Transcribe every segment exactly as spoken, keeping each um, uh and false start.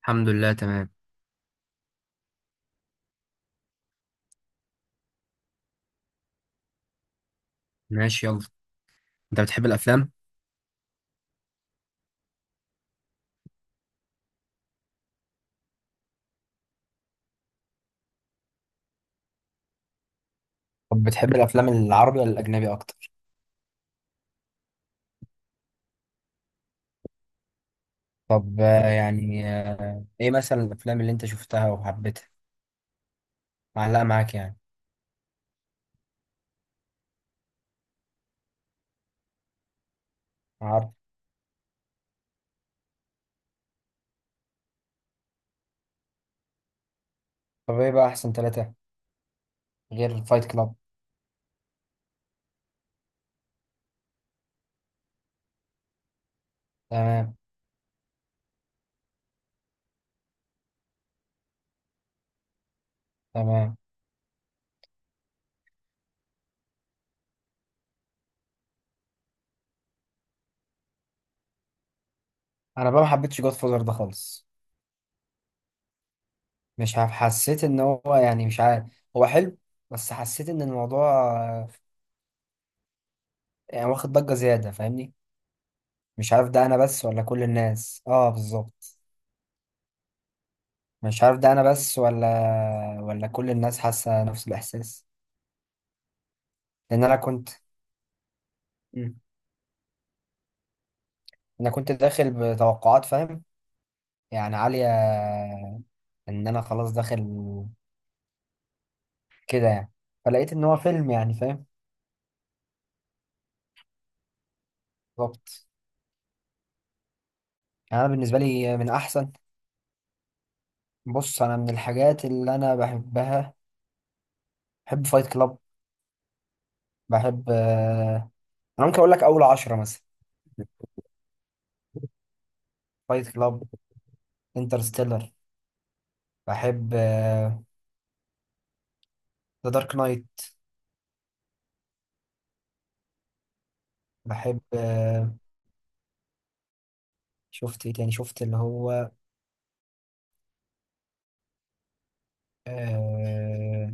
الحمد لله، تمام. ماشي، يلا. انت بتحب الافلام؟ طب بتحب الافلام العربي ولا الاجنبي اكتر؟ طب آه، يعني آه، ايه مثلا الافلام اللي انت شفتها وحبيتها معلقه معاك، يعني؟ عارف. طب ايه بقى احسن ثلاثه غير فايت كلاب؟ تمام. تمام. انا بقى ما حبيتش جود فوزر ده خالص. مش عارف، حسيت ان هو، يعني، مش عارف. هو حلو، بس حسيت ان الموضوع آه، يعني واخد ضجه زياده، فاهمني؟ مش عارف، ده انا بس ولا كل الناس؟ اه، بالظبط. مش عارف ده انا بس ولا ولا كل الناس حاسه نفس الاحساس؟ لان انا كنت. مم. انا كنت داخل بتوقعات، فاهم؟ يعني عاليه. ان انا خلاص داخل كده، يعني. فلقيت ان هو فيلم، يعني، فاهم؟ بالظبط. يعني انا بالنسبه لي من احسن. بص، انا من الحاجات اللي انا بحبها. بحب فايت كلاب. بحب، آه، انا ممكن اقول لك اول عشرة مثلا. فايت كلاب، انترستيلر، بحب ذا دارك نايت. بحب، آه، شفت ايه تاني؟ شفت اللي هو أه...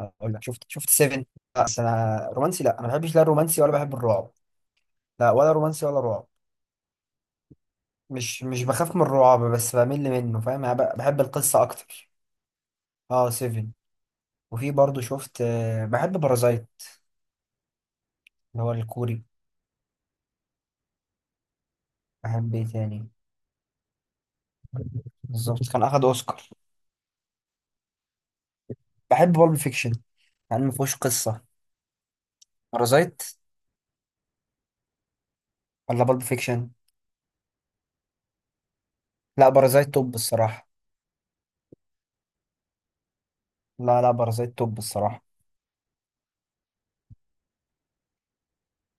اقول لك، شفت شفت سفن. بس انا رومانسي، لا انا ما بحبش لا الرومانسي ولا بحب الرعب. لا، ولا رومانسي ولا رعب. مش مش بخاف من الرعب، بس بمل منه، فاهم؟ أنا ب- بحب القصة اكتر. اه، سبعة. وفي برضو شفت أه... بحب بارازايت. اللي هو الكوري. بحب ايه تاني؟ بالظبط، كان اخد اوسكار. بحب بالب فيكشن. يعني ما فيهوش قصة. بارازايت ولا بالب فيكشن؟ لا، بارازايت توب الصراحة. لا، لا، بارازايت توب الصراحة.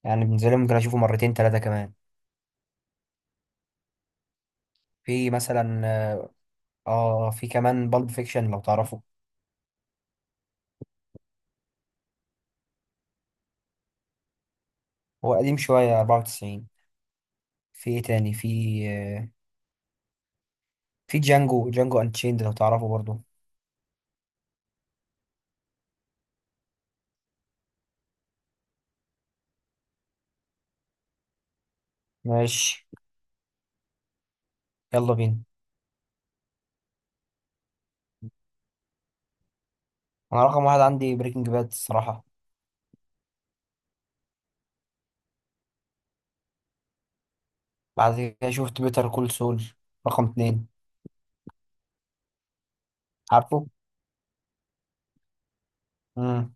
يعني بالنسبة لي، ممكن اشوفه مرتين ثلاثة كمان. في مثلا آه، اه، في كمان بالب فيكشن، لو تعرفه. هو قديم شوية، أربعة وتسعين. في ايه تاني؟ في آه، في جانجو جانجو اند تشيند، لو تعرفه برضو. ماشي، يلا بينا. انا رقم واحد عندي بريكنج باد الصراحة. بعد كده شفت بيتر كول سول. رقم اتنين. عارفه. امم.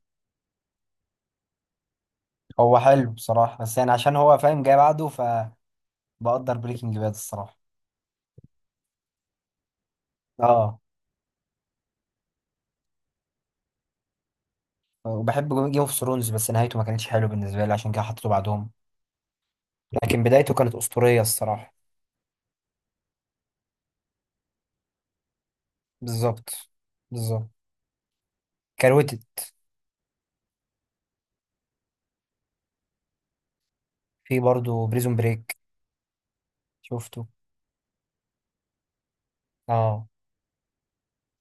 هو حلو بصراحة، بس يعني عشان هو فاهم، جاي بعده، فبقدر. بريكنج باد الصراحة. اه، وبحب جيم اوف ثرونز، بس نهايته ما كانتش حلوه بالنسبة لي، عشان كده حطيته بعدهم. لكن بدايته كانت أسطورية الصراحة. بالظبط. بالظبط. كروتت. في برضه بريزون بريك. شفته. اه.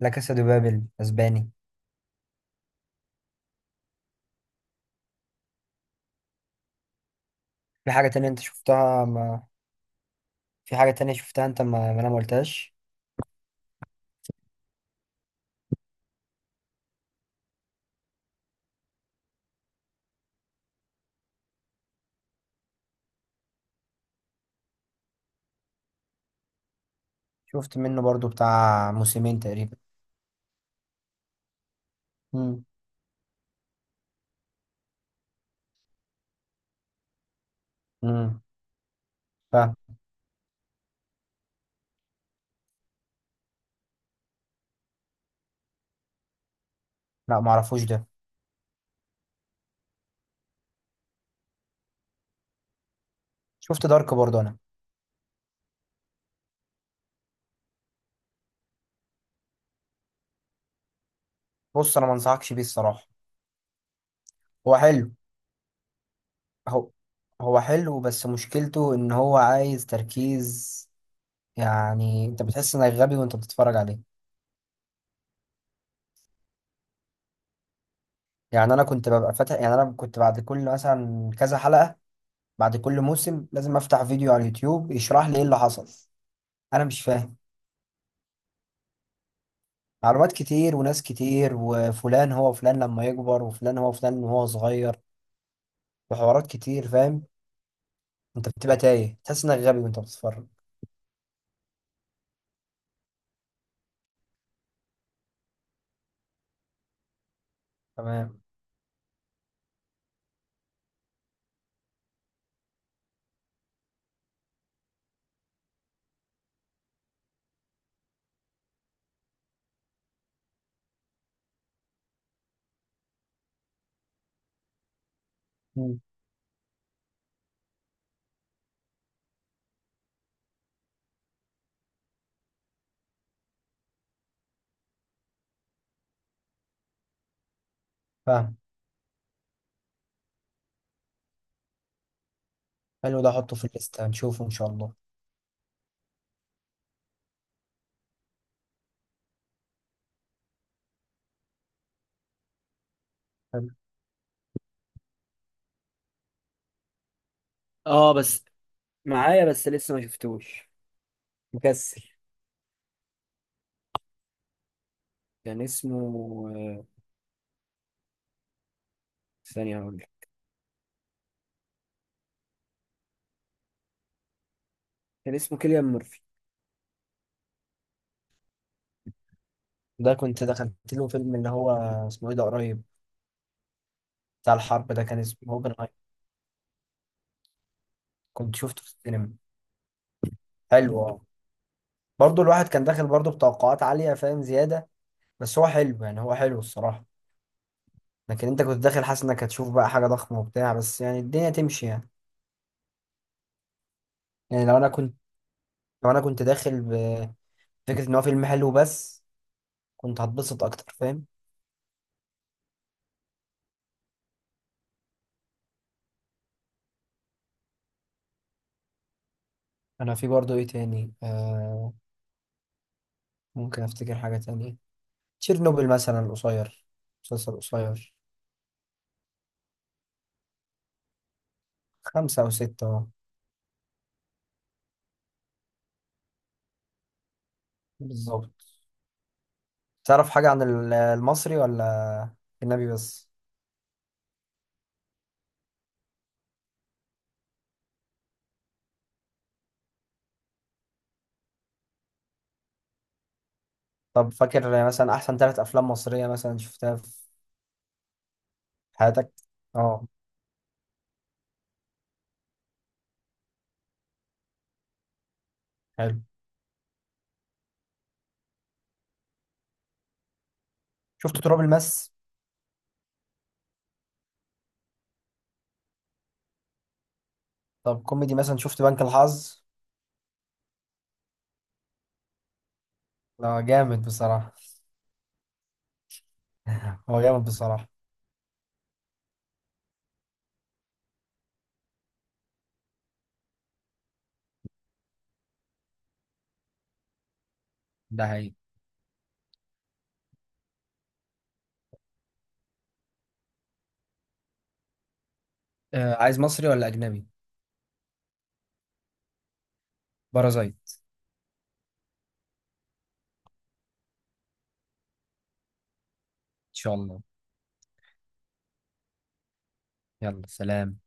لا كاسا دي بابل، اسباني. في حاجة تانية انت شفتها ما. في حاجة تانية شفتها انت، ما, ما انا ما قلتهاش؟ شفت منه برضه، بتاع موسمين تقريبا. امم. امم. فاهم. لا، ما اعرفوش ده. شفت دارك برضه انا. بص، انا ما انصحكش بيه الصراحة. هو حلو. هو هو حلو، بس مشكلته ان هو عايز تركيز. يعني انت بتحس انك غبي وانت بتتفرج عليه. يعني انا كنت ببقى فاتح، يعني انا كنت بعد كل مثلا كذا حلقة. بعد كل موسم لازم افتح فيديو على اليوتيوب يشرح لي ايه اللي حصل. انا مش فاهم. معلومات كتير وناس كتير، وفلان هو فلان لما يكبر، وفلان هو فلان وهو صغير. وحوارات كتير، فاهم؟ انت بتبقى تايه، تحس انك غبي وانت بتتفرج. تمام. مم. فاهم. حلو، ده احطه في الليسته، هنشوفه ان شاء الله. حلو. اه، بس معايا، بس لسه ما شفتوش. مكسل. كان اسمه آه، ثانية، هقول لك. كان اسمه كيليان مورفي. ده كنت دخلت له فيلم، اللي هو اسمه ايه ده؟ قريب، بتاع الحرب ده، كان اسمه اوبن. كنت شفته في السينما. حلو، اه. برضه الواحد كان داخل برضه بتوقعات عالية، فاهم؟ زيادة. بس هو حلو، يعني هو حلو الصراحة. لكن انت كنت داخل حاسس انك هتشوف بقى حاجة ضخمة وبتاع، بس يعني الدنيا تمشي يعني. يعني لو انا كنت. لو انا كنت داخل بفكرة، ان هو فيلم حلو بس، كنت هتبسط اكتر، فاهم؟ انا، في برضه ايه تاني آه ممكن افتكر حاجة تانية. تشيرنوبل مثلا، القصير. مسلسل قصير. خمسة او ستة، اه. بالظبط. تعرف حاجة عن ال- المصري ولا الأجنبي بس؟ طب فاكر مثلا احسن ثلاث افلام مصريه مثلا شفتها في حياتك؟ اه. حلو. شفت تراب الماس. طب كوميدي مثلا، شفت بنك الحظ؟ لا، جامد بصراحه. هو جامد بصراحه. ده هي. آه عايز مصري ولا أجنبي؟ بارازايت. إن شاء الله. يلا، سلام.